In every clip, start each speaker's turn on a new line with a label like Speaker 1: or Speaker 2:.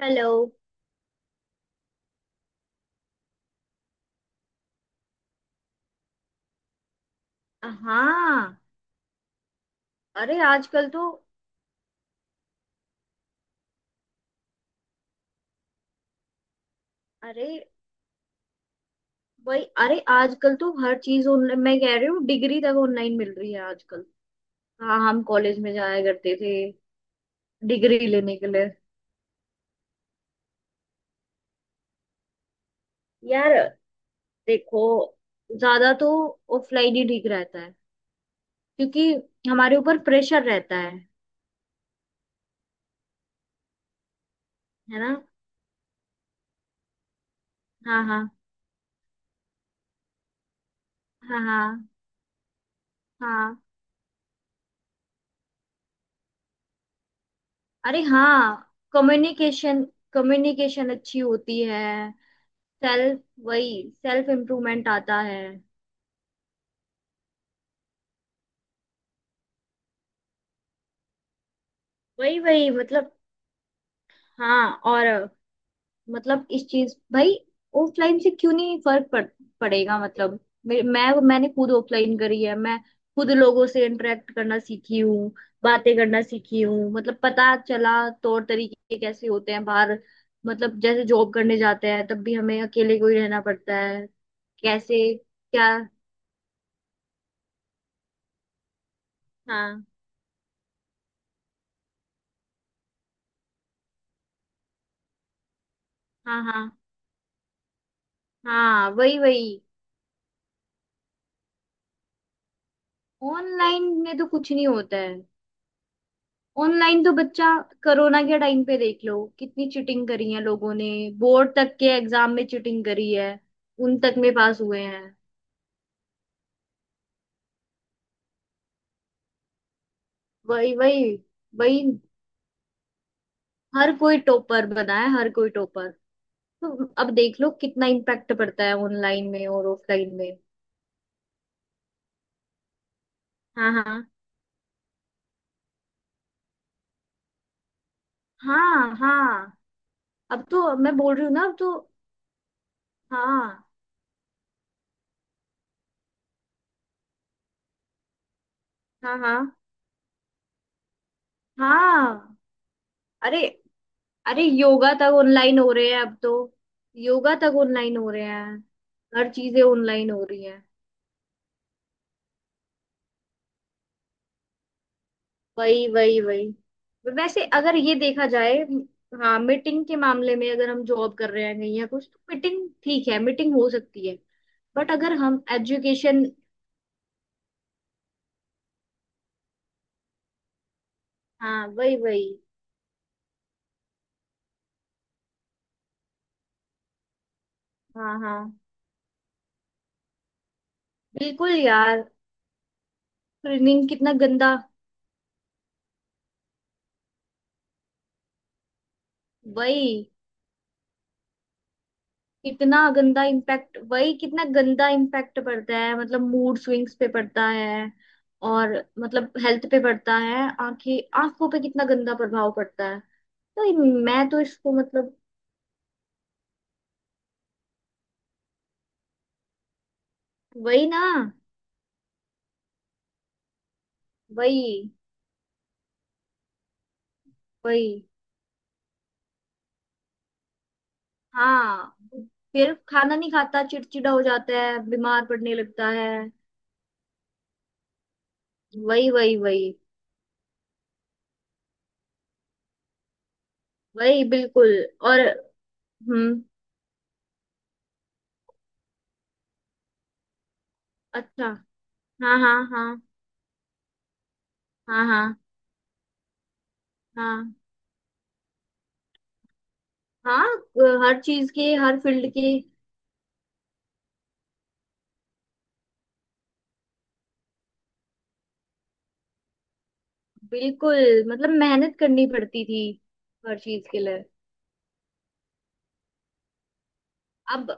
Speaker 1: Hello. हाँ। अरे आजकल तो, अरे भाई, अरे आजकल तो हर चीज ऑनलाइन। मैं कह रही हूँ डिग्री तक ऑनलाइन मिल रही है आजकल। हाँ, हम कॉलेज में जाया करते थे। डिग्री लेने के लिए? यार, देखो, ज्यादा तो ऑफलाइन ही ठीक रहता है। क्योंकि हमारे ऊपर प्रेशर रहता है ना। हाँ हाँ। हाँ हाँ। हाँ। अरे हाँ, कम्युनिकेशन। कम्युनिकेशन अच्छी होती है। सेल्फ। वही, सेल्फ इम्प्रूवमेंट आता है। वही वही, मतलब। हाँ, और मतलब इस चीज, भाई, ऑफलाइन से क्यों नहीं फर्क पड़ेगा। मतलब मैंने खुद ऑफलाइन करी है। मैं खुद लोगों से इंटरेक्ट करना सीखी हूँ, बातें करना सीखी हूँ। मतलब पता चला तौर तरीके कैसे होते हैं बाहर। मतलब जैसे जॉब करने जाते हैं तब भी हमें अकेले को ही रहना पड़ता है। कैसे? क्या? हाँ हाँ। हाँ हाँ। वही वही। ऑनलाइन में तो कुछ नहीं होता है। ऑनलाइन तो बच्चा, कोरोना के टाइम पे देख लो कितनी चीटिंग करी है लोगों ने। बोर्ड तक के एग्जाम में चीटिंग करी है, उन तक में पास हुए हैं। वही वही वही। हर कोई टॉपर बना है, हर कोई टॉपर। तो अब देख लो कितना इम्पैक्ट पड़ता है ऑनलाइन में और ऑफलाइन में। हाँ हाँ। हाँ हाँ। अब तो मैं बोल रही हूँ ना, अब तो। हाँ हाँ। हाँ हाँ। अरे। अरे योगा तक ऑनलाइन हो रहे हैं अब तो। योगा तक ऑनलाइन हो रहे हैं। हर चीजें ऑनलाइन हो रही हैं। वही वही वही। वैसे अगर ये देखा जाए। हाँ मीटिंग के मामले में, अगर हम जॉब कर रहे हैं कहीं या कुछ, तो मीटिंग ठीक है, मीटिंग हो सकती है। बट अगर हम एजुकेशन। हाँ वही वही। हाँ हाँ। बिल्कुल यार। ट्रेनिंग कितना गंदा। वही, कितना गंदा इम्पैक्ट, वही कितना गंदा इम्पैक्ट पड़ता है। मतलब मूड स्विंग्स पे पड़ता है। और मतलब हेल्थ पे पड़ता है। आंखें, आंखों पे कितना गंदा प्रभाव पड़ता है। तो मैं तो इसको, मतलब वही ना। वही वही। हाँ, फिर खाना नहीं खाता, चिड़चिड़ा हो जाता है, बीमार पड़ने लगता है। वही वही वही। वही बिल्कुल। और। हम्म। अच्छा। हाँ हाँ हाँ। हाँ हाँ हाँ हाँ। हर चीज के, हर फील्ड के। बिल्कुल, मतलब मेहनत करनी पड़ती थी हर चीज के लिए। अब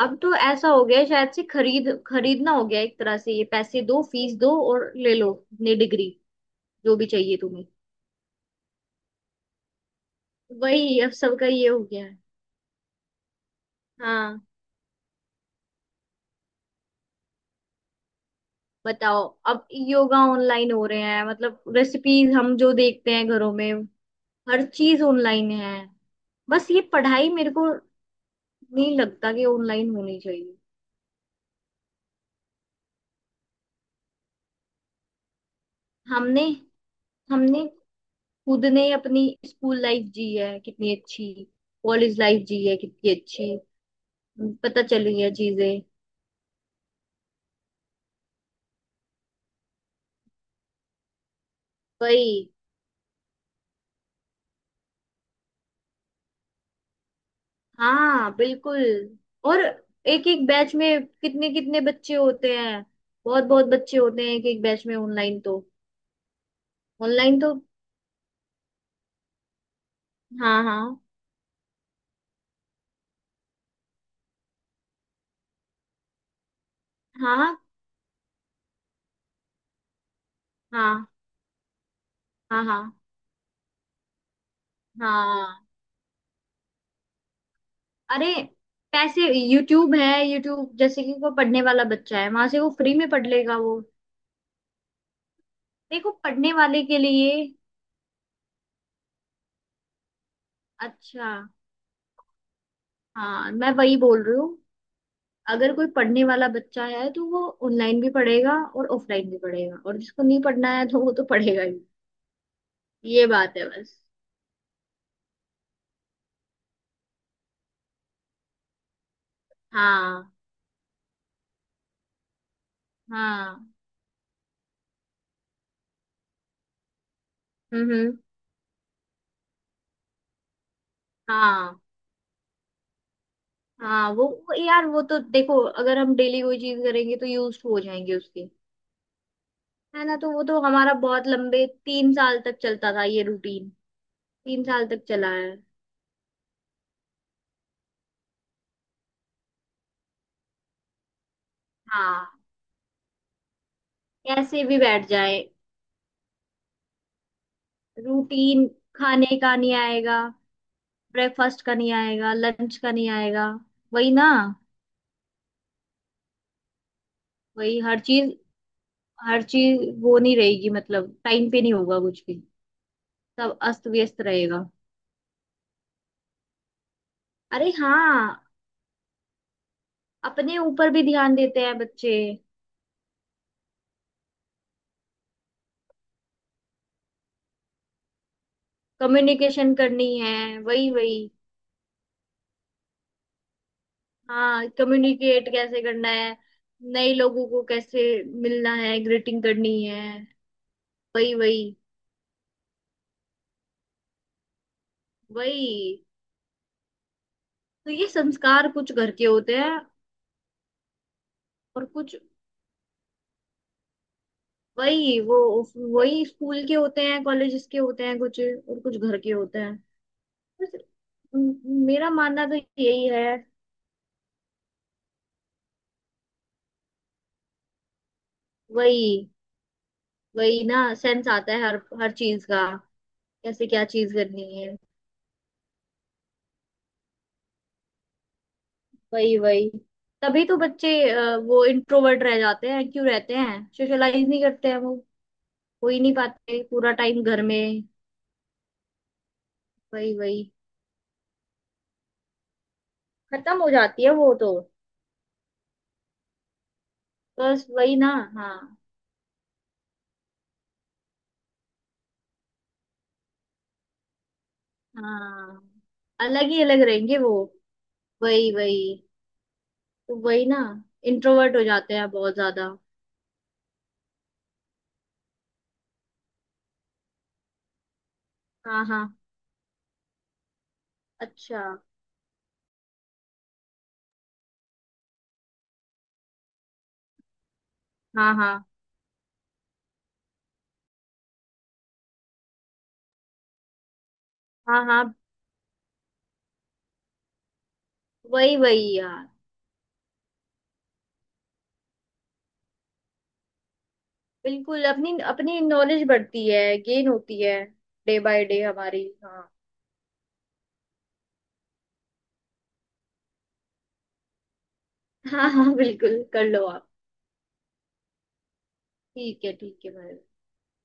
Speaker 1: अब तो ऐसा हो गया है, शायद से खरीद, खरीदना हो गया है एक तरह से, ये पैसे दो फीस दो और ले लो अपनी डिग्री, जो भी चाहिए तुम्हें। वही अब सबका ये हो गया है। हाँ। बताओ। अब योगा ऑनलाइन हो रहे हैं, मतलब रेसिपीज हम जो देखते हैं घरों में, हर चीज ऑनलाइन है। बस ये पढ़ाई मेरे को नहीं लगता कि ऑनलाइन होनी चाहिए। हमने हमने खुद ने अपनी स्कूल लाइफ जी है कितनी अच्छी, कॉलेज लाइफ जी है कितनी अच्छी, पता चली है चीजें। वही। हाँ बिल्कुल। और एक एक बैच में कितने कितने बच्चे होते हैं, बहुत बहुत बच्चे होते हैं एक एक बैच में ऑनलाइन तो। ऑनलाइन तो। हाँ हाँ। हाँ हाँ हाँ। हाँ। हाँ अरे पैसे, यूट्यूब है, यूट्यूब जैसे कि कोई पढ़ने वाला बच्चा है वहां से वो फ्री में पढ़ लेगा वो। देखो पढ़ने वाले के लिए। अच्छा। हाँ, मैं वही बोल रही हूँ, अगर कोई पढ़ने वाला बच्चा है तो वो ऑनलाइन भी पढ़ेगा और ऑफलाइन भी पढ़ेगा, और जिसको नहीं पढ़ना है तो वो तो पढ़ेगा ही। ये बात है बस। हाँ हाँ। हम्म। हाँ हाँ। वो यार, वो तो देखो अगर हम डेली कोई चीज करेंगे तो यूज हो जाएंगे उसके। है ना, तो वो तो हमारा बहुत लंबे 3 साल तक चलता था ये रूटीन। 3 साल तक चला है। हाँ। कैसे भी बैठ जाए। रूटीन खाने का नहीं आएगा, ब्रेकफास्ट का नहीं आएगा, लंच का नहीं आएगा। वही ना। वही हर चीज, हर चीज वो नहीं रहेगी, मतलब टाइम पे नहीं होगा कुछ भी। सब अस्त व्यस्त रहेगा। अरे हाँ। अपने ऊपर भी ध्यान देते हैं बच्चे। कम्युनिकेशन करनी है। वही वही। हाँ, कम्युनिकेट कैसे करना है, नए लोगों को कैसे मिलना है, ग्रीटिंग करनी है। वही वही वही। तो ये संस्कार कुछ घर के होते हैं। और कुछ, वही वो, वही स्कूल के होते हैं, कॉलेजेस के होते हैं, कुछ और कुछ घर के होते हैं, बस। मेरा मानना तो यही है। वही। वही ना, सेंस आता है हर, हर चीज का। कैसे क्या चीज करनी है। वही वही। तभी तो बच्चे वो इंट्रोवर्ट रह जाते हैं, क्यों रहते हैं, सोशलाइज नहीं करते हैं वो। हो ही नहीं पाते, पूरा टाइम घर में। वही वही। खत्म हो जाती है वो तो। बस वही ना। हाँ हाँ। अलग ही अलग रहेंगे वो। वही वही। तो वही ना। इंट्रोवर्ट हो जाते हैं बहुत ज्यादा। हाँ हाँ। अच्छा। हाँ हाँ। हाँ हाँ। वही वही यार। बिल्कुल, अपनी अपनी नॉलेज बढ़ती है, गेन होती है डे बाय डे हमारी, हाँ। हाँ हाँ। बिल्कुल कर लो आप। ठीक है, ठीक है भाई।